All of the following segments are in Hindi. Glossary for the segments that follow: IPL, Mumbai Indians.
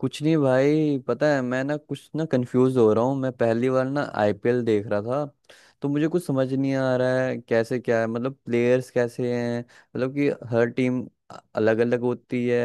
कुछ नहीं भाई। पता है मैं ना कुछ ना कंफ्यूज हो रहा हूँ। मैं पहली बार ना आईपीएल देख रहा था, तो मुझे कुछ समझ नहीं आ रहा है कैसे क्या है। मतलब प्लेयर्स कैसे हैं, मतलब कि हर टीम अलग अलग होती है।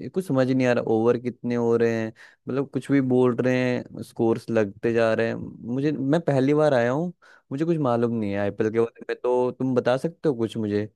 ये कुछ समझ नहीं आ रहा, ओवर कितने हो रहे हैं। मतलब कुछ भी बोल रहे हैं, स्कोर्स लगते जा रहे हैं। मुझे मैं पहली बार आया हूँ, मुझे कुछ मालूम नहीं है आईपीएल के बारे में। तो तुम बता सकते हो कुछ मुझे?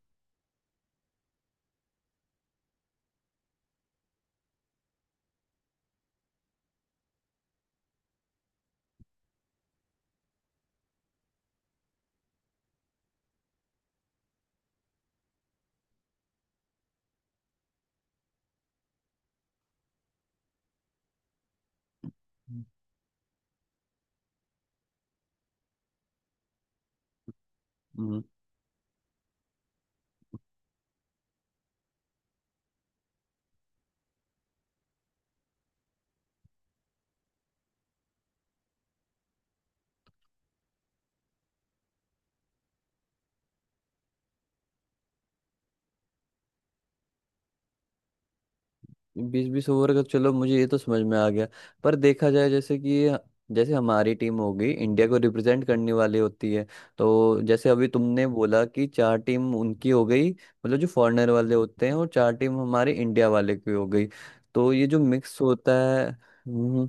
बीस बीस ओवर का, चलो मुझे ये तो समझ में आ गया। पर देखा जाए, जैसे कि जैसे हमारी टीम होगी इंडिया को रिप्रेजेंट करने वाली होती है। तो जैसे अभी तुमने बोला कि चार टीम उनकी हो गई, मतलब जो फॉरेनर वाले होते हैं, और चार टीम हमारे इंडिया वाले की हो गई। तो ये जो मिक्स होता है। हम्म।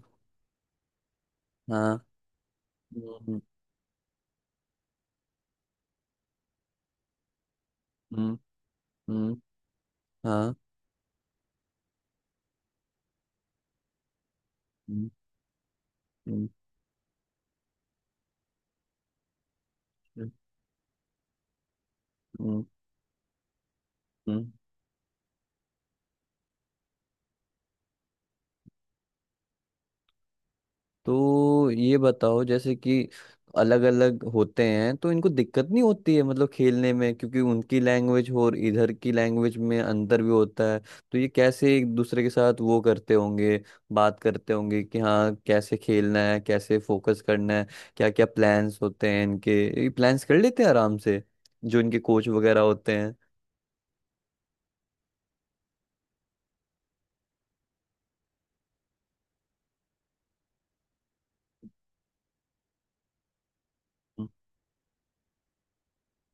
हाँ। हम्म। हम्म। हम्म। हाँ। हम्म। हम्म। हम्म। हम्म। तो ये बताओ, जैसे कि अलग अलग होते हैं तो इनको दिक्कत नहीं होती है, मतलब खेलने में, क्योंकि उनकी लैंग्वेज और इधर की लैंग्वेज में अंतर भी होता है। तो ये कैसे एक दूसरे के साथ वो करते होंगे, बात करते होंगे कि हाँ कैसे खेलना है, कैसे फोकस करना है। क्या क्या प्लान्स होते हैं इनके? ये प्लान्स कर लेते हैं आराम से जो इनके कोच वगैरह होते हैं।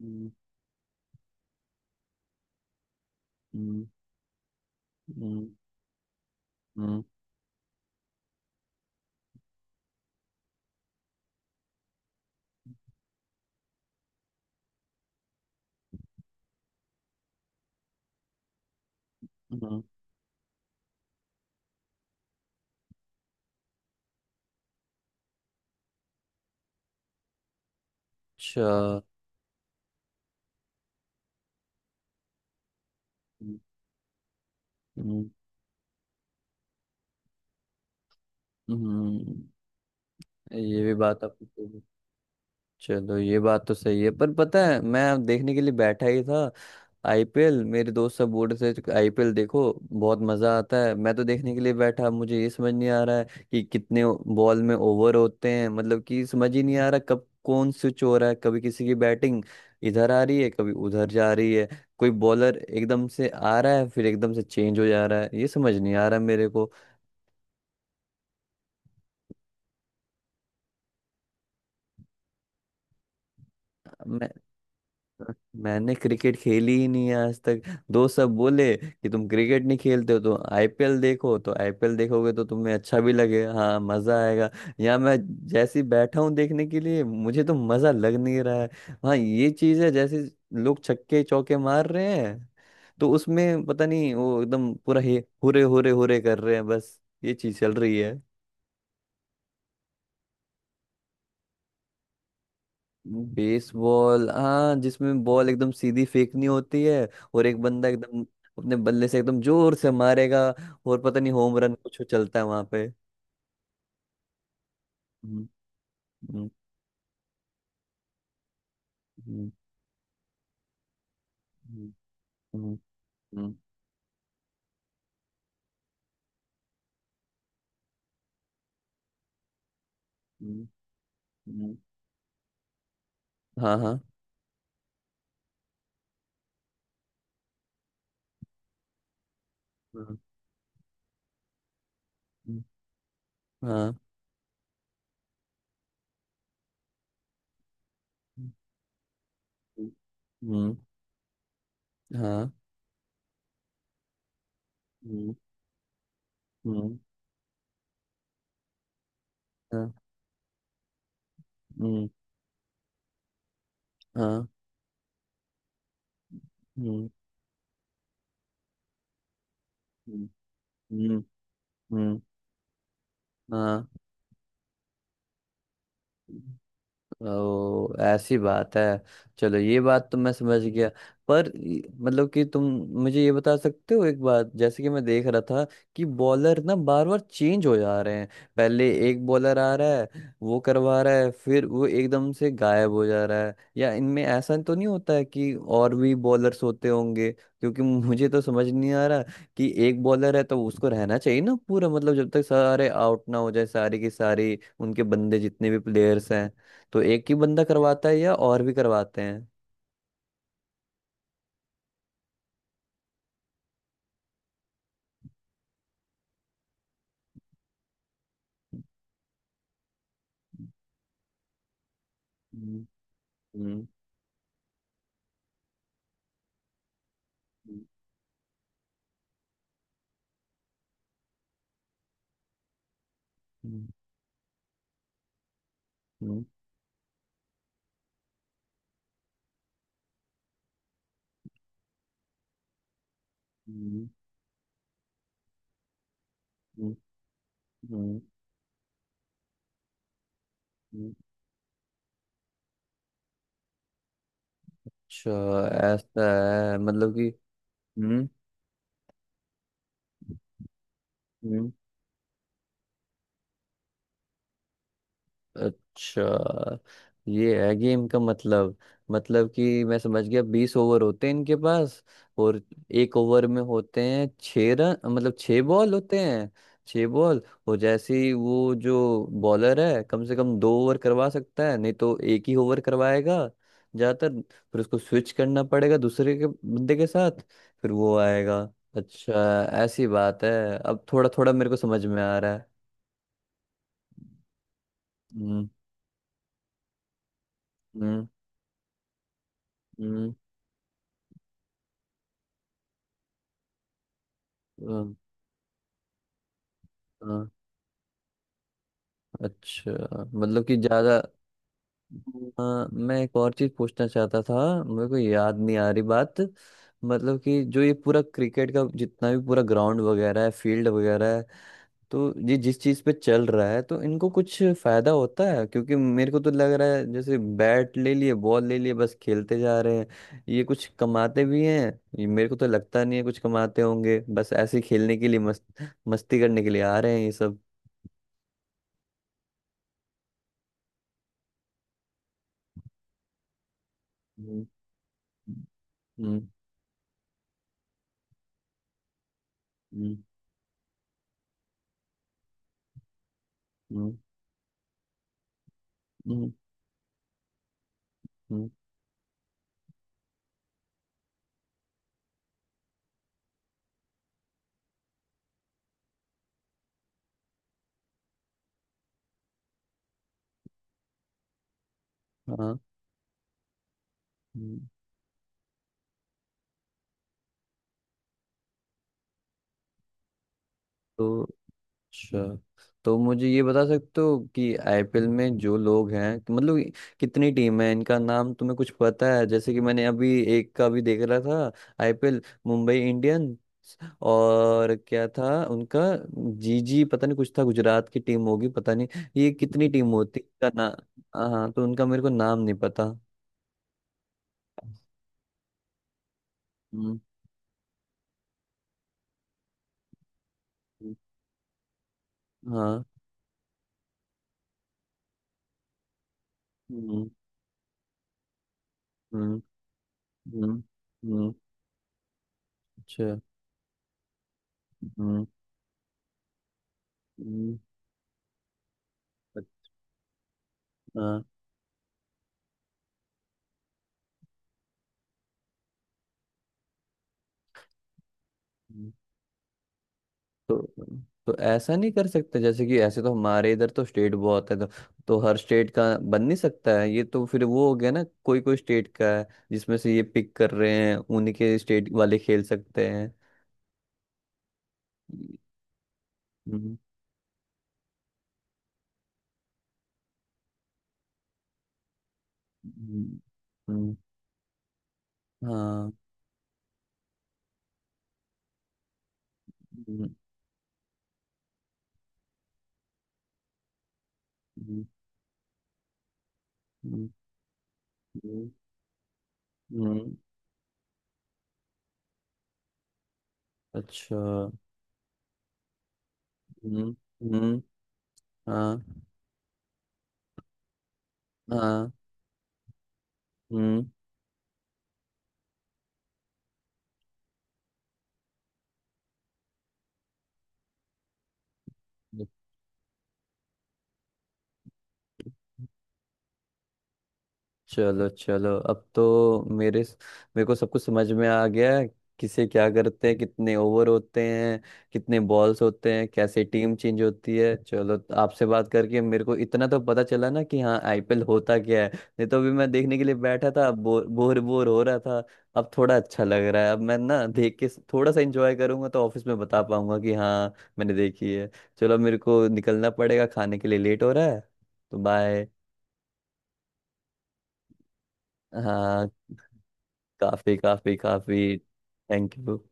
हम्म। हम्म। हम्म। हम्म। हम्म। हम्म। अच्छा। हम्म। हम्म। ये भी बात आप। चलो, ये बात तो सही है, पर पता है मैं देखने के लिए बैठा ही था। आईपीएल, मेरे दोस्त सब बोल रहे थे आईपीएल देखो, बहुत मजा आता है। मैं तो देखने के लिए बैठा, मुझे ये समझ नहीं आ रहा है कि कितने बॉल में ओवर होते हैं। मतलब कि समझ ही नहीं आ रहा कब कौन स्विच हो रहा है, कभी किसी की बैटिंग इधर आ रही है, कभी उधर जा रही है। कोई बॉलर एकदम से आ रहा है फिर एकदम से चेंज हो जा रहा है, ये समझ नहीं आ रहा मेरे को। मैंने क्रिकेट खेली ही नहीं है आज तक। दोस्त सब बोले कि तुम क्रिकेट नहीं खेलते हो तो आईपीएल देखो, तो आईपीएल देखोगे तो तुम्हें अच्छा भी लगेगा, हाँ मजा आएगा। यहाँ मैं जैसे ही बैठा हूँ देखने के लिए, मुझे तो मजा लग नहीं रहा है। हाँ, ये चीज है, जैसे लोग छक्के चौके मार रहे हैं तो उसमें पता नहीं वो एकदम पूरा हे हुरे हुरे हुरे कर रहे हैं, बस ये चीज चल रही है। बेसबॉल, हाँ, जिसमें बॉल एकदम सीधी फेंकनी होती है। और एक बंदा एकदम अपने बल्ले से एकदम जोर से मारेगा। और पता नहीं होम रन कुछ चलता है वहां पे। हम्म। हम्म। हम्म। हम्म। हम्म। हम्म। हम्म। हम्म। हाँ, हाँ। हम्म। हम्म। हाँ। हम्म। हम्म। हाँ। हम्म। हम्म। हाँ। हम्म। हाँ। हम्म। हम्म। हम्म। हम्म। हाँ। ओ, ऐसी बात है। चलो, ये बात तो मैं समझ गया। पर मतलब कि तुम मुझे ये बता सकते हो एक बात, जैसे कि मैं देख रहा था कि बॉलर ना बार बार चेंज हो जा रहे हैं। पहले एक बॉलर आ रहा है, वो करवा रहा है, फिर वो एकदम से गायब हो जा रहा है। या इनमें ऐसा तो नहीं होता है कि और भी बॉलर्स होते होंगे? क्योंकि मुझे तो समझ नहीं आ रहा कि एक बॉलर है तो उसको रहना चाहिए ना पूरा, मतलब जब तक सारे आउट ना हो जाए, सारी की सारी उनके बंदे, जितने भी प्लेयर्स हैं। तो एक ही बंदा करवाता है या और भी करवाते हैं? हम्म। हम्म। हम्म। हम्म। हम्म। हम्म। हम्म। हम्म। हम्म। अच्छा, ऐसा है, मतलब कि। हम्म। हम्म। अच्छा, ये है गेम का मतलब। मतलब कि मैं समझ गया, 20 ओवर होते हैं इनके पास, और एक ओवर में होते हैं 6 रन, मतलब 6 बॉल होते हैं। 6 बॉल। और जैसे ही वो जो बॉलर है कम से कम 2 ओवर करवा सकता है, नहीं तो एक ही ओवर करवाएगा ज्यादातर, फिर उसको स्विच करना पड़ेगा दूसरे के बंदे के साथ, फिर वो आएगा। अच्छा, ऐसी बात है। अब थोड़ा थोड़ा मेरे को समझ में आ रहा है। हम्म। हम्म। हम्म। हाँ। अच्छा। मतलब कि ज्यादा। हाँ, मैं एक और चीज पूछना चाहता था, मेरे को याद नहीं आ रही बात। मतलब कि जो ये पूरा क्रिकेट का जितना भी पूरा ग्राउंड वगैरह है, फील्ड वगैरह है, तो ये जिस चीज पे चल रहा है तो इनको कुछ फायदा होता है? क्योंकि मेरे को तो लग रहा है जैसे बैट ले लिए बॉल ले लिए बस खेलते जा रहे हैं। ये कुछ कमाते भी हैं? ये मेरे को तो लगता नहीं है कुछ कमाते होंगे, बस ऐसे ही खेलने के लिए, मस्त मस्ती करने के लिए आ रहे हैं ये सब। हम्म। हम्म। हम्म। हम्म। हम्म। हम्म। हाँ। हम्म। तो अच्छा, तो मुझे ये बता सकते हो कि आईपीएल में जो लोग हैं, कि मतलब कितनी टीम है, इनका नाम तुम्हें कुछ पता है? जैसे कि मैंने अभी एक का भी देख रहा था आईपीएल, मुंबई इंडियंस। और क्या था उनका? जीजी, पता नहीं कुछ था, गुजरात की टीम होगी, पता नहीं। ये कितनी टीम होती है इनका ना? हाँ, तो उनका मेरे को नाम नहीं पता। हम्म। हम्म। हाँ। हम्म। हम्म। हम्म। हम्म। अच्छा। हम्म। हाँ। हम्म। तो तो ऐसा नहीं कर सकते जैसे कि? ऐसे तो हमारे इधर तो स्टेट बहुत है, तो हर स्टेट का बन नहीं सकता है? ये तो फिर वो हो गया ना, कोई कोई स्टेट का है जिसमें से ये पिक कर रहे हैं, उन्हीं के स्टेट वाले खेल सकते हैं। हम्म। हम्म। हम्म। हाँ। हम्म। हम्म। हम्म। हम्म। हम्म। अच्छा। हम्म। हम्म। हाँ। हाँ। हम्म। चलो चलो, अब तो मेरे मेरे को सब कुछ समझ में आ गया है। किसे क्या करते हैं, कितने ओवर होते हैं, कितने बॉल्स होते हैं, कैसे टीम चेंज होती है। चलो, तो आपसे बात करके मेरे को इतना तो पता चला ना कि हाँ आईपीएल होता क्या है। नहीं तो अभी मैं देखने के लिए बैठा था, बोर बोर बोर हो रहा था। अब थोड़ा अच्छा लग रहा है, अब मैं ना देख के थोड़ा सा एंजॉय करूंगा, तो ऑफिस में बता पाऊंगा कि हाँ मैंने देखी है। चलो, मेरे को निकलना पड़ेगा, खाने के लिए लेट हो रहा है, तो बाय। हाँ, काफी काफी काफी। Thank you.